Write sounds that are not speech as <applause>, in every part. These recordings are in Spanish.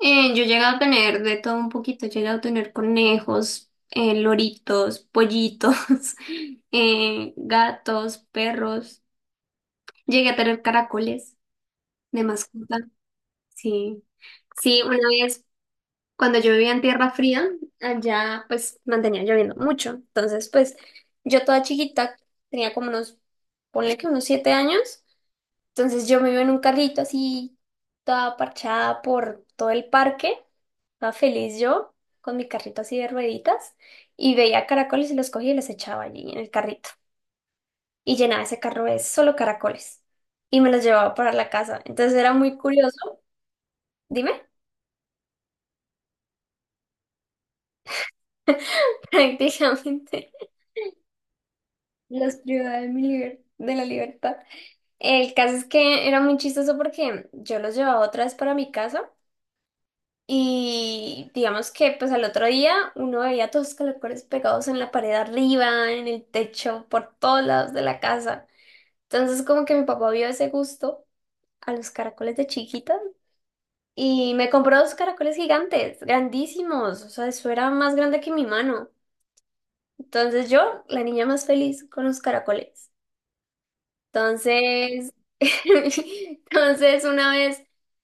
Yo he llegado a tener de todo un poquito, he llegado a tener conejos, loritos, pollitos, <laughs> gatos, perros, llegué a tener caracoles de mascota, sí. Sí, una vez cuando yo vivía en tierra fría, allá pues mantenía lloviendo mucho, entonces pues yo toda chiquita, tenía como unos, ponle que unos 7 años. Entonces yo me iba en un carrito así, toda parchada por todo el parque, toda feliz yo, con mi carrito así de rueditas, y veía caracoles y los cogía y los echaba allí en el carrito. Y llenaba ese carro de solo caracoles. Y me los llevaba para la casa. Entonces era muy curioso, dime. <laughs> Prácticamente los privaba de mi liber- de la libertad. El caso es que era muy chistoso porque yo los llevaba otra vez para mi casa. Y digamos que pues al otro día uno veía todos los calcetines pegados en la pared arriba, en el techo, por todos lados de la casa. Entonces, como que mi papá vio ese gusto a los caracoles de chiquita y me compró dos caracoles gigantes, grandísimos. O sea, eso era más grande que mi mano. Entonces yo, la niña más feliz con los caracoles. Entonces, <laughs> entonces una vez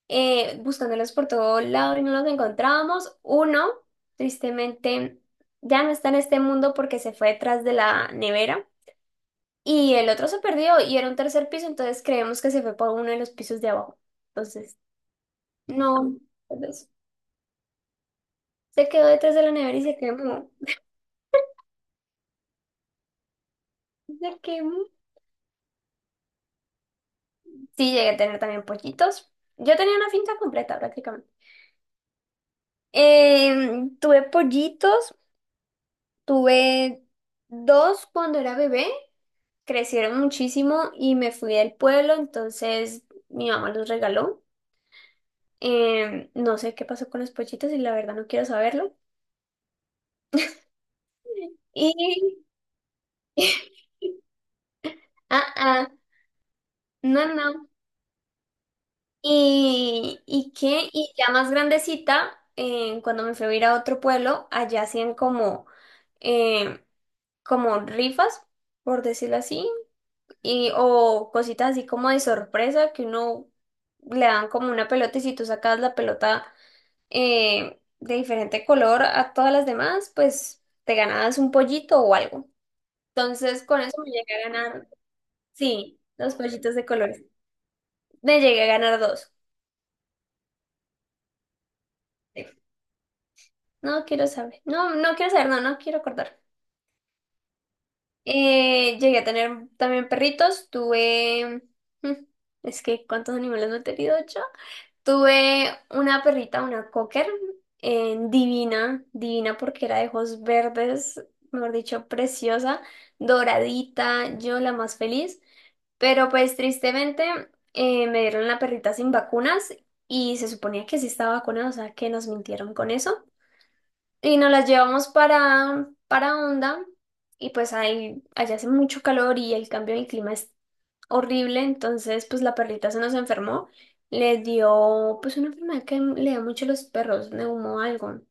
buscándolos por todo lado y no los encontrábamos, uno tristemente ya no está en este mundo porque se fue detrás de la nevera, y el otro se perdió y era un tercer piso, entonces creemos que se fue por uno de los pisos de abajo. Entonces, no, entonces, se quedó detrás de la nevera y se quemó. Se quemó. Sí, llegué a tener también pollitos. Yo tenía una finca completa prácticamente. Tuve pollitos. Tuve dos cuando era bebé, crecieron muchísimo y me fui del pueblo, entonces mi mamá los regaló. No sé qué pasó con los pollitos y la verdad no quiero saberlo. Y, <laughs> ah, ah, no, no. ¿Y qué? Y ya más grandecita, cuando me fui a ir a otro pueblo, allá hacían em, como rifas, por decirlo así, y o cositas así como de sorpresa que uno le dan como una pelota, y si tú sacas la pelota de diferente color a todas las demás, pues te ganabas un pollito o algo. Entonces con eso me llegué a ganar, sí, dos pollitos de colores. Me llegué a ganar dos. Sí. No quiero saber, no, no quiero saber, no, no quiero acordar. Llegué a tener también perritos, tuve... <laughs> Es que, ¿cuántos animales no he tenido yo? Tuve una perrita, una cocker, divina, divina porque era de ojos verdes, mejor dicho, preciosa, doradita, yo la más feliz. Pero pues tristemente me dieron la perrita sin vacunas, y se suponía que sí estaba vacunada, o sea que nos mintieron con eso. Y nos las llevamos para, Honda, y pues ahí, allá hace mucho calor y el cambio de clima es horrible, entonces pues la perrita se nos enfermó, le dio pues una enfermedad que le da mucho a los perros, neumo algo,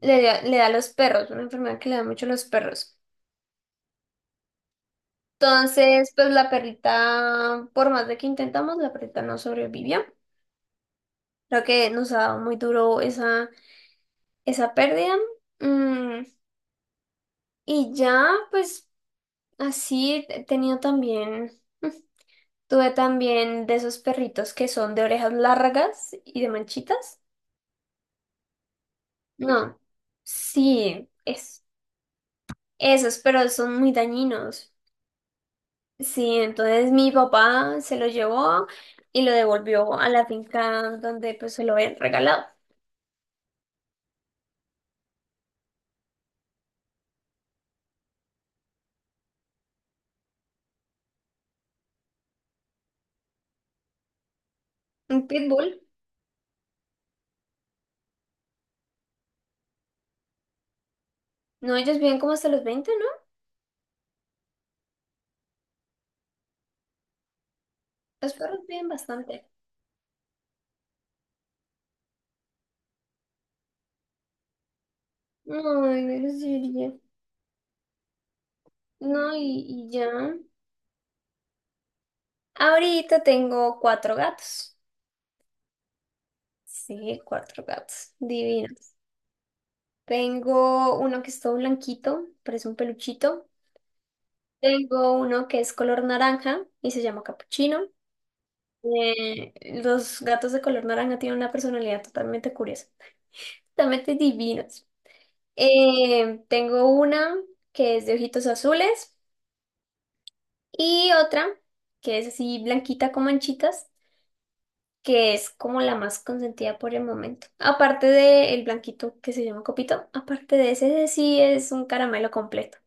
le da a los perros, una enfermedad que le da mucho a los perros. Entonces pues la perrita, por más de que intentamos, la perrita no sobrevivió. Creo que nos ha dado muy duro esa pérdida. Mm, y ya pues así he tenido también... <laughs> Tuve también de esos perritos que son de orejas largas y de manchitas. No, sí, es esos, pero son muy dañinos. Sí, entonces mi papá se lo llevó y lo devolvió a la finca donde pues se lo habían regalado. Un pitbull. No, ellos viven como hasta los 20, ¿no? Los perros viven bastante. Ay, no los diría. No, y ya. Ahorita tengo cuatro gatos. Sí, cuatro gatos. Divinos. Tengo uno que es todo blanquito, parece un peluchito. Tengo uno que es color naranja y se llama Capuchino. Eh, los gatos de color naranja tienen una personalidad totalmente curiosa, totalmente divinos. Tengo una que es de ojitos azules, y otra que es así blanquita con manchitas, que es como la más consentida por el momento. Aparte del blanquito que se llama Copito, aparte de ese, ese sí es un caramelo completo.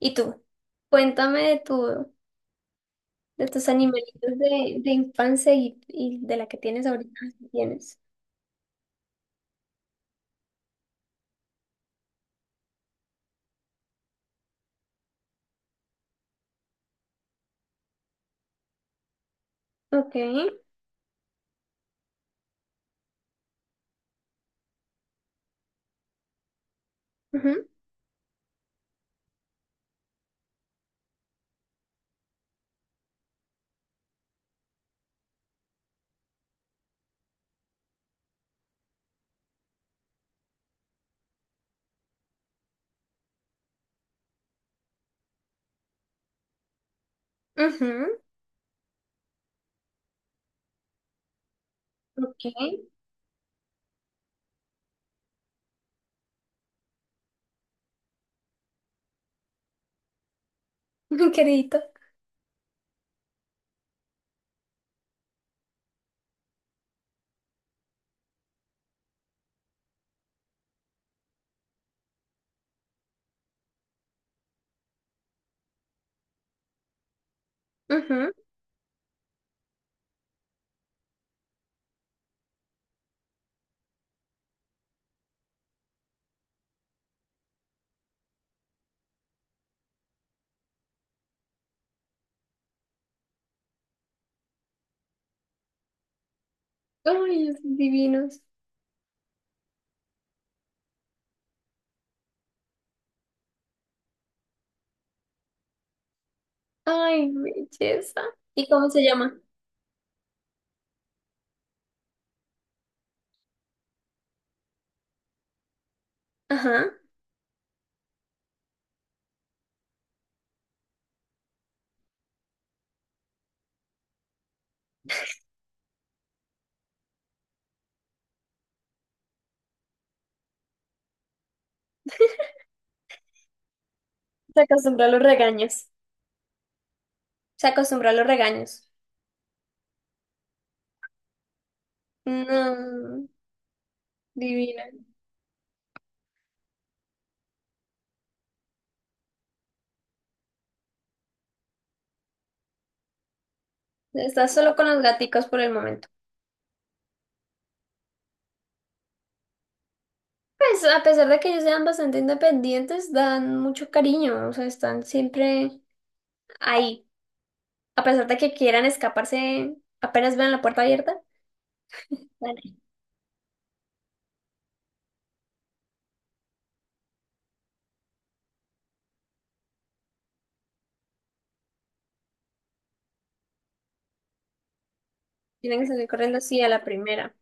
¿Y tú? Cuéntame de tus animalitos de infancia y de la que tienes ahorita, si tienes. Ok. Ujú, ujú. Ok. <laughs> Queridito. Ujú. Ay, son divinos. Ay, belleza. ¿Y cómo se llama? Ajá. Se acostumbra a los regaños. Se acostumbra a los regaños. No, divina. Estás solo con los gaticos por el momento. Pues a pesar de que ellos sean bastante independientes, dan mucho cariño, o sea, están siempre ahí. A pesar de que quieran escaparse, apenas vean la puerta abierta, bueno, tienen que salir corriendo así a la primera.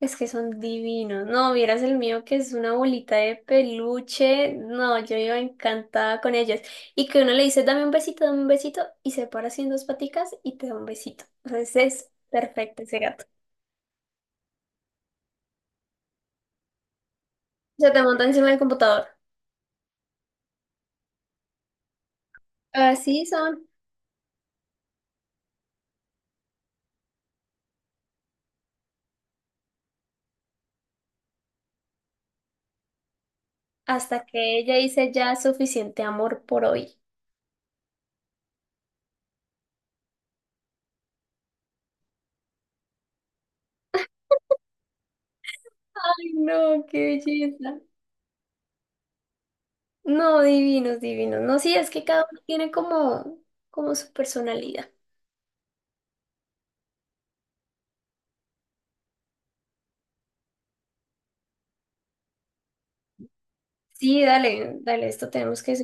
Es que son divinos. No, vieras el mío que es una bolita de peluche. No, yo iba encantada con ellos. Y que uno le dice, dame un besito, y se para así en dos paticas y te da un besito. O sea, ese es perfecto ese gato. Se te monta encima del computador. Así son. Hasta que ella dice ya suficiente amor por hoy. Ay, no, qué belleza. No, divinos, divinos. No, sí, es que cada uno tiene como su personalidad. Sí, dale, dale, esto tenemos que